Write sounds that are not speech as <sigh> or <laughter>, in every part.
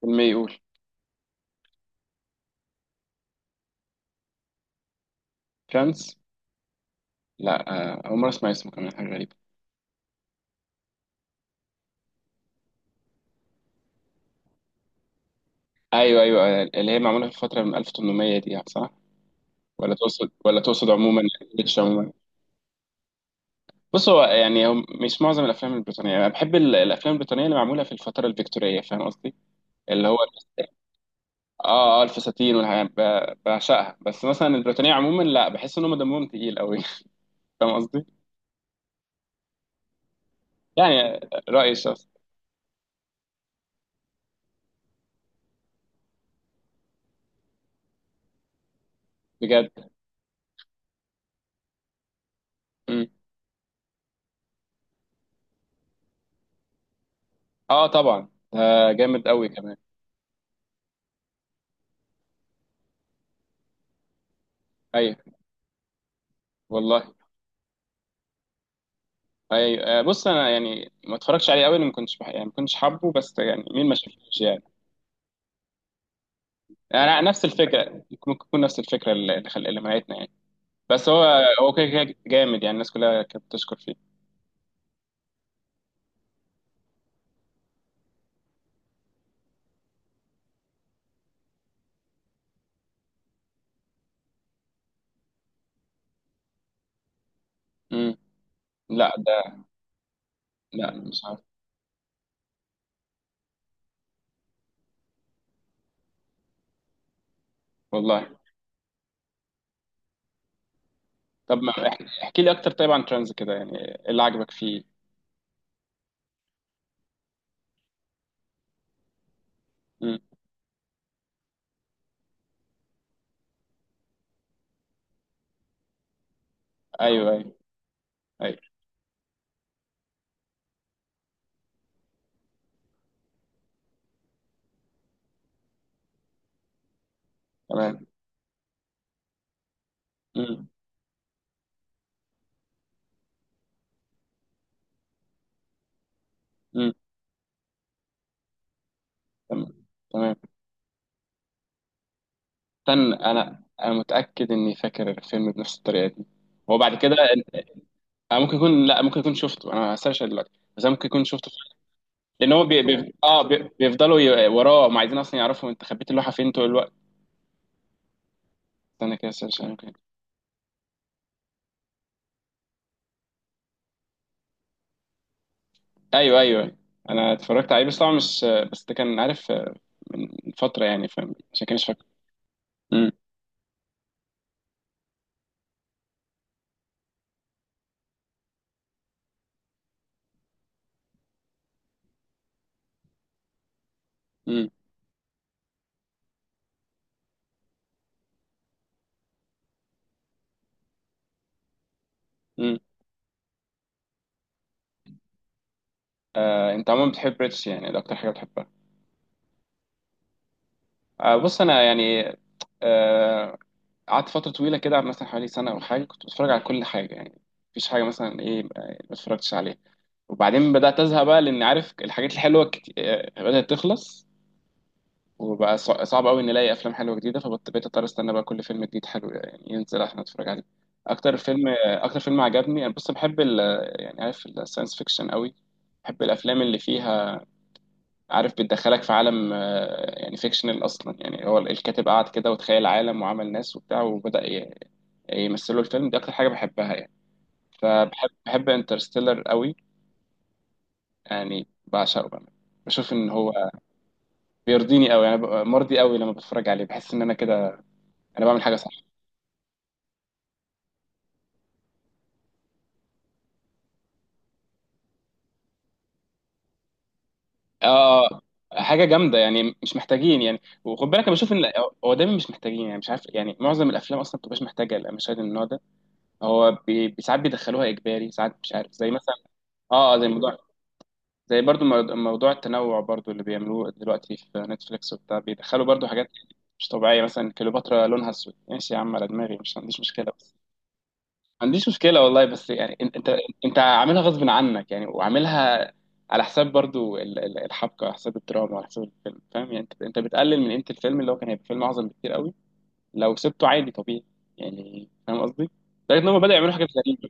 فيلم يقول فرانس. لا، آه، أول مرة أسمع اسمه، كمان حاجة غريبة. أيوه أيوه، آه، اللي هي معمولة في الفترة من 1800 دي، يعني صح؟ ولا تقصد، عموما بيتش عموما. بص، هو يعني هو مش معظم الأفلام البريطانية. أنا بحب الأفلام البريطانية اللي معمولة في الفترة الفيكتورية، فاهم قصدي؟ اللي هو آه آه الفساتين والحاجات، بعشقها. بس مثلا البريطانية عموما لا، بحس إن هم دمهم تقيل أوي <laughs> فاهم قصدي؟ يعني رأيي الشخصي. بجد. مم. آه طبعا، ده جامد أوي كمان. أيوه. والله. أي آه، بص انا يعني ما اتفرجش عليه قوي، لأن ما كنتش يعني ما كنتش حابه، بس يعني مين ما شافوش يعني. انا نفس الفكره، ممكن تكون نفس الفكره اللي اللي منعتنا يعني. بس هو، هو كده كده جامد يعني، الناس كلها كانت بتشكر فيه. امم. لا ده، لا مش عارف. والله. طب ما احكي، احكي لي اكتر طيب عن ترانز، كده يعني إيه اللي عجبك فيه؟ امم. ايوه ايوه. ايوه. تمام. امم. امم. تمام. تمام. استنى، انا متاكد اني فاكر الفيلم بنفس الطريقه دي. هو بعد كده. انا ممكن يكون، لا ممكن يكون شفته، انا هسيرش دلوقتي، بس انا ممكن يكون شفته. لان هو بيفضلوا وراه، ما عايزين اصلا يعرفوا انت خبيت اللوحه فين طول الوقت. استنى كده، سيرش ممكن. ايوه ايوه، انا اتفرجت عليه، بس طبعا مش، بس ده كان عارف آه، من فتره يعني، فاهم عشان كده مش فاكر. امم. امم. امم. آه انت عموما بتحب ريتش يعني، ده اكتر حاجه بتحبها. آه بص انا يعني آه، قعدت فتره طويله كده، مثلا حوالي سنه او حاجه، كنت بتفرج على كل حاجه يعني. مفيش حاجه مثلا ايه ما اتفرجتش عليها. وبعدين بدأت أزهق بقى، لأن عارف الحاجات الحلوة كت... آه، بدأت تخلص. وبقى صعب أوي نلاقي أفلام حلوة جديدة، فبقيت أضطر أستنى بقى كل فيلم جديد حلو يعني ينزل عشان أتفرج عليه. أكتر فيلم أكتر فيلم عجبني، أنا بص بحب يعني عارف، الساينس فيكشن أوي. بحب الأفلام اللي فيها، عارف، بتدخلك في عالم آه، يعني فيكشنال أصلا، يعني هو الكاتب قعد كده وتخيل عالم وعمل ناس وبتاع، يمثله الفيلم. دي أكتر حاجة بحبها يعني. فبحب انترستيلر أوي، يعني بعشقه بقى. بشوف ان هو بيرضيني قوي، انا ببقى مرضي قوي لما بتفرج عليه، بحس ان انا كده انا بعمل حاجه صح. اه. آه، حاجه جامده يعني، مش محتاجين يعني، وخد بالك انا بشوف ان هو دايما مش محتاجين يعني، مش عارف يعني، معظم الافلام اصلا ما بتبقاش محتاجه المشاهد من النوع ده. هو ساعات بيدخلوها اجباري، ساعات مش عارف، زي مثلا اه آه، زي موضوع، زي برضو موضوع التنوع برضو اللي بيعملوه دلوقتي في نتفليكس وبتاع، بيدخلوا برضو حاجات مش طبيعيه. مثلا كليوباترا لونها اسود، ماشي يا عم، على دماغي، مش ما عنديش مشكله. ما عنديش مشكلة والله، بس يعني انت، انت انت عاملها غصب عنك يعني، وعاملها على حساب برضو الحبكة، على حساب الدراما، على حساب الفيلم، فاهم يعني؟ انت، انت بتقلل من قيمة الفيلم اللي هو كان هيبقى فيلم اعظم بكتير قوي لو سبته عادي طبيعي، يعني فاهم قصدي؟ لدرجة ان هم بدأوا يعملوا حاجات غريبة.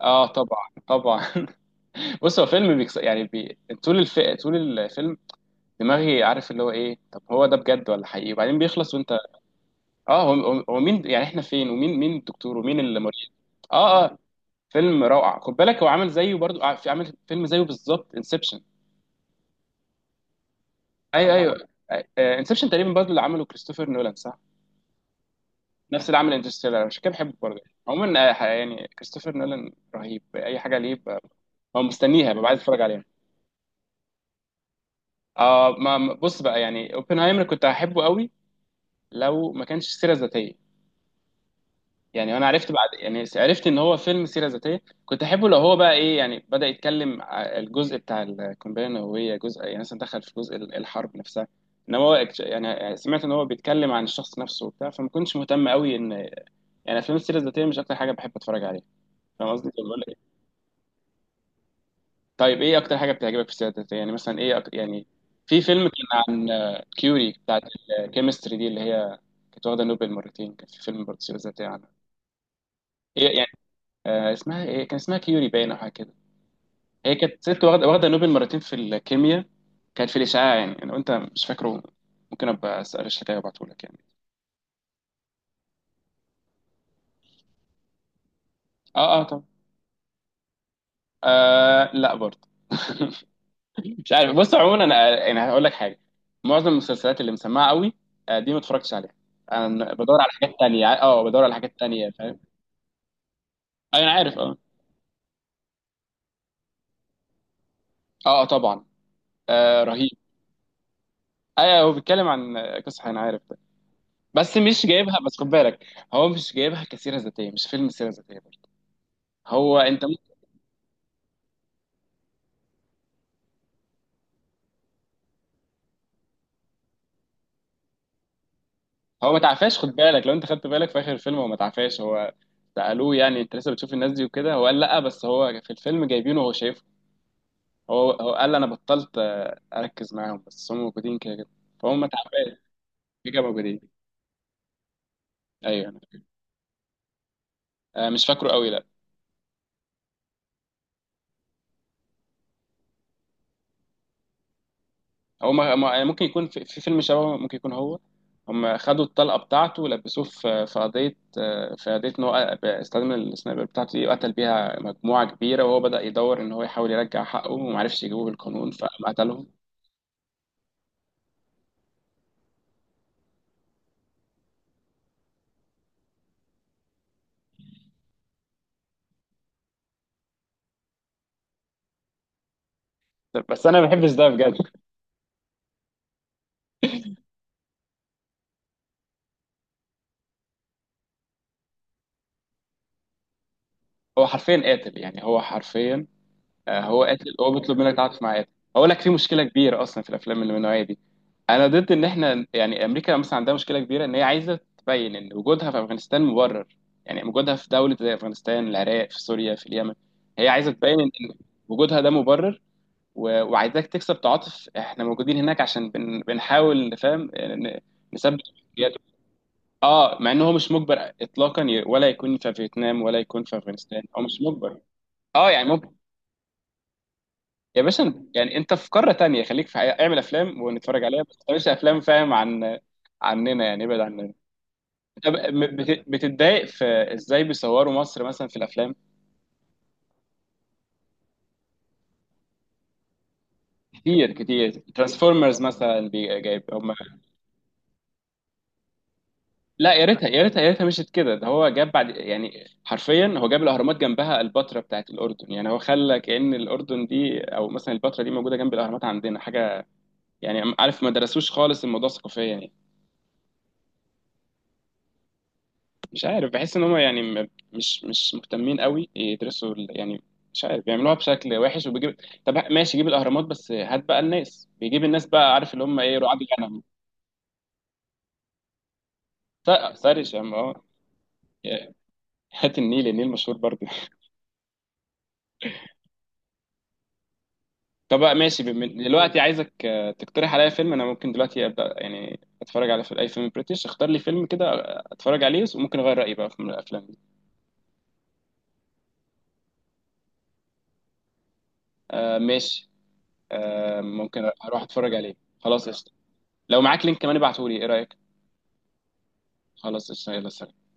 اه طبعا طبعا. <laughs> بص هو فيلم طول طول الفيلم دماغي عارف اللي هو ايه، طب هو ده بجد ولا حقيقي، وبعدين بيخلص وانت، اه هو، هو مين، يعني احنا فين، ومين، الدكتور ومين المريض. اه آه. فيلم روعه. خد بالك هو عامل زيه برضو، في عامل فيلم زيه بالظبط، انسبشن. ايوه اه ايوه، انسبشن تقريبا برضو اللي عمله كريستوفر نولان، صح؟ نفس اللي عمل انترستيلر، عشان كده بحبه برضو. عموما آه، يعني كريستوفر نولان رهيب، اي حاجه ليه هو مستنيها ببقى عايز اتفرج عليها. اه بص بقى يعني اوبنهايمر كنت هحبه قوي لو ما كانش سيره ذاتيه. يعني انا عرفت بعد، يعني عرفت ان هو فيلم سيره ذاتيه. كنت احبه لو هو بقى ايه، يعني بدا يتكلم الجزء بتاع القنبله النوويه، جزء يعني مثلا دخل في جزء الحرب نفسها. انما هو يعني سمعت ان هو بيتكلم عن الشخص نفسه وبتاع، فما كنتش مهتم قوي ان، يعني افلام السيره الذاتيه مش اكتر حاجه بحب اتفرج عليها. فاهم قصدي؟ طب بقول لك إيه؟ طيب ايه اكتر حاجه بتعجبك في السيره الذاتيه؟ يعني مثلا ايه يعني في فيلم كان عن آه، كيوري بتاعت الكيمستري دي، اللي هي كانت واخده نوبل مرتين. كان في فيلم برضه سيره ذاتيه عنها. إيه يعني، آه، اسمها ايه، كان اسمها كيوري باين او حاجه كده. هي كانت ست واخده، واخده نوبل مرتين في الكيمياء، كانت في الاشعاع. يعني لو انت مش فاكره، ممكن ابقى اسال الشكايه وابعته لك يعني. اه اه طب. آه لا برضه مش عارف. بص عموما انا يعني هقول لك حاجه، معظم المسلسلات اللي مسمعه قوي آه، دي ما اتفرجتش عليها. انا بدور على حاجات تانية، اه بدور على حاجات تانية، فاهم؟ أيوة، انا عارف اه. اه آه، طبعا. آه رهيب. ايوه هو بيتكلم عن قصه، انا عارف ده، بس مش جايبها. بس خد بالك، هو مش جايبها كسيره ذاتيه، مش فيلم سيره ذاتيه. هو انت ممكن- هو ما تعفاش، خد بالك، لو انت خدت بالك في اخر الفيلم هو ما تعفاش. هو سالوه، يعني انت لسه بتشوف الناس دي وكده، هو قال لا، بس هو في الفيلم جايبينه وهو شايفه. هو قال انا بطلت آه، اركز معاهم، بس هم موجودين كده كده. فهم ما تعفاش. كده كده موجودين. ايوه انا فاكر. آه، مش فاكره قوي لا. هو يعني ممكن يكون في، في فيلم شبه، ممكن يكون هو، هم خدوا الطلقة بتاعته ولبسوه في، في قضية، في قضية إن هو استخدم السنايبر بتاعته دي وقتل بيها مجموعة كبيرة، وهو بدأ يدور إن هو يحاول يرجع حقه ومعرفش يجيبوه بالقانون فقتلهم. بس أنا ما بحبش ده بجد. هو حرفيا قاتل يعني، هو حرفيا آه، هو قاتل، هو بيطلب منك تتعاطف مع قاتل. هقول لك، في مشكله كبيره اصلا في الافلام اللي من النوعيه دي. انا ضد ان احنا، يعني امريكا مثلا عندها مشكله كبيره ان هي عايزه تبين ان وجودها في افغانستان مبرر، يعني وجودها في دوله زي افغانستان، العراق، في سوريا، في اليمن. هي عايزه تبين ان، إن وجودها ده مبرر، وعايزاك تكسب تعاطف، احنا موجودين هناك عشان بنحاول نفهم نثبت حرياته. اه، مع ان هو مش مجبر اطلاقا ولا يكون في فيتنام ولا يكون في افغانستان، هو مش مجبر. اه يعني ممكن. يا باشا يعني انت في قاره تانية، خليك في حقيقة. اعمل افلام ونتفرج عليها، بس ما تعملش افلام فاهم عن، عننا، يعني ابعد عننا. طب بتتضايق في ازاي بيصوروا مصر مثلا في الافلام؟ كتير كتير، ترانسفورمرز مثلا جايب هم. لا يا ريتها، يا ريتها، يا ريتها مشيت كده، ده هو جاب بعد يعني، حرفيا هو جاب الاهرامات جنبها البتراء بتاعت الاردن، يعني هو خلى كأن الاردن دي او مثلا البتراء دي موجوده جنب الاهرامات عندنا، حاجه يعني، عارف ما درسوش خالص الموضوع ثقافيا يعني. مش عارف، بحس ان هم يعني مش مهتمين قوي يدرسوا يعني مش عارف، بيعملوها بشكل وحش وبيجيب. طب ماشي، جيب الاهرامات بس هات بقى الناس، بيجيب الناس بقى عارف اللي هم ايه، رعاة الغنم. سرش يا عم، اه، هات النيل، النيل مشهور برضه. <laughs> طب بقى ماشي، دلوقتي عايزك آه، تقترح عليا فيلم، انا ممكن دلوقتي ابدا يعني اتفرج على اي فيلم بريتش. اختار لي فيلم كده آه، اتفرج عليه وممكن اغير رايي بقى في الافلام دي. آه ماشي. آه ممكن اروح اتفرج عليه، خلاص قشطة. لو معاك لينك كمان، ابعته لي، ايه رايك؟ خلاص قشطة، يلا سلام.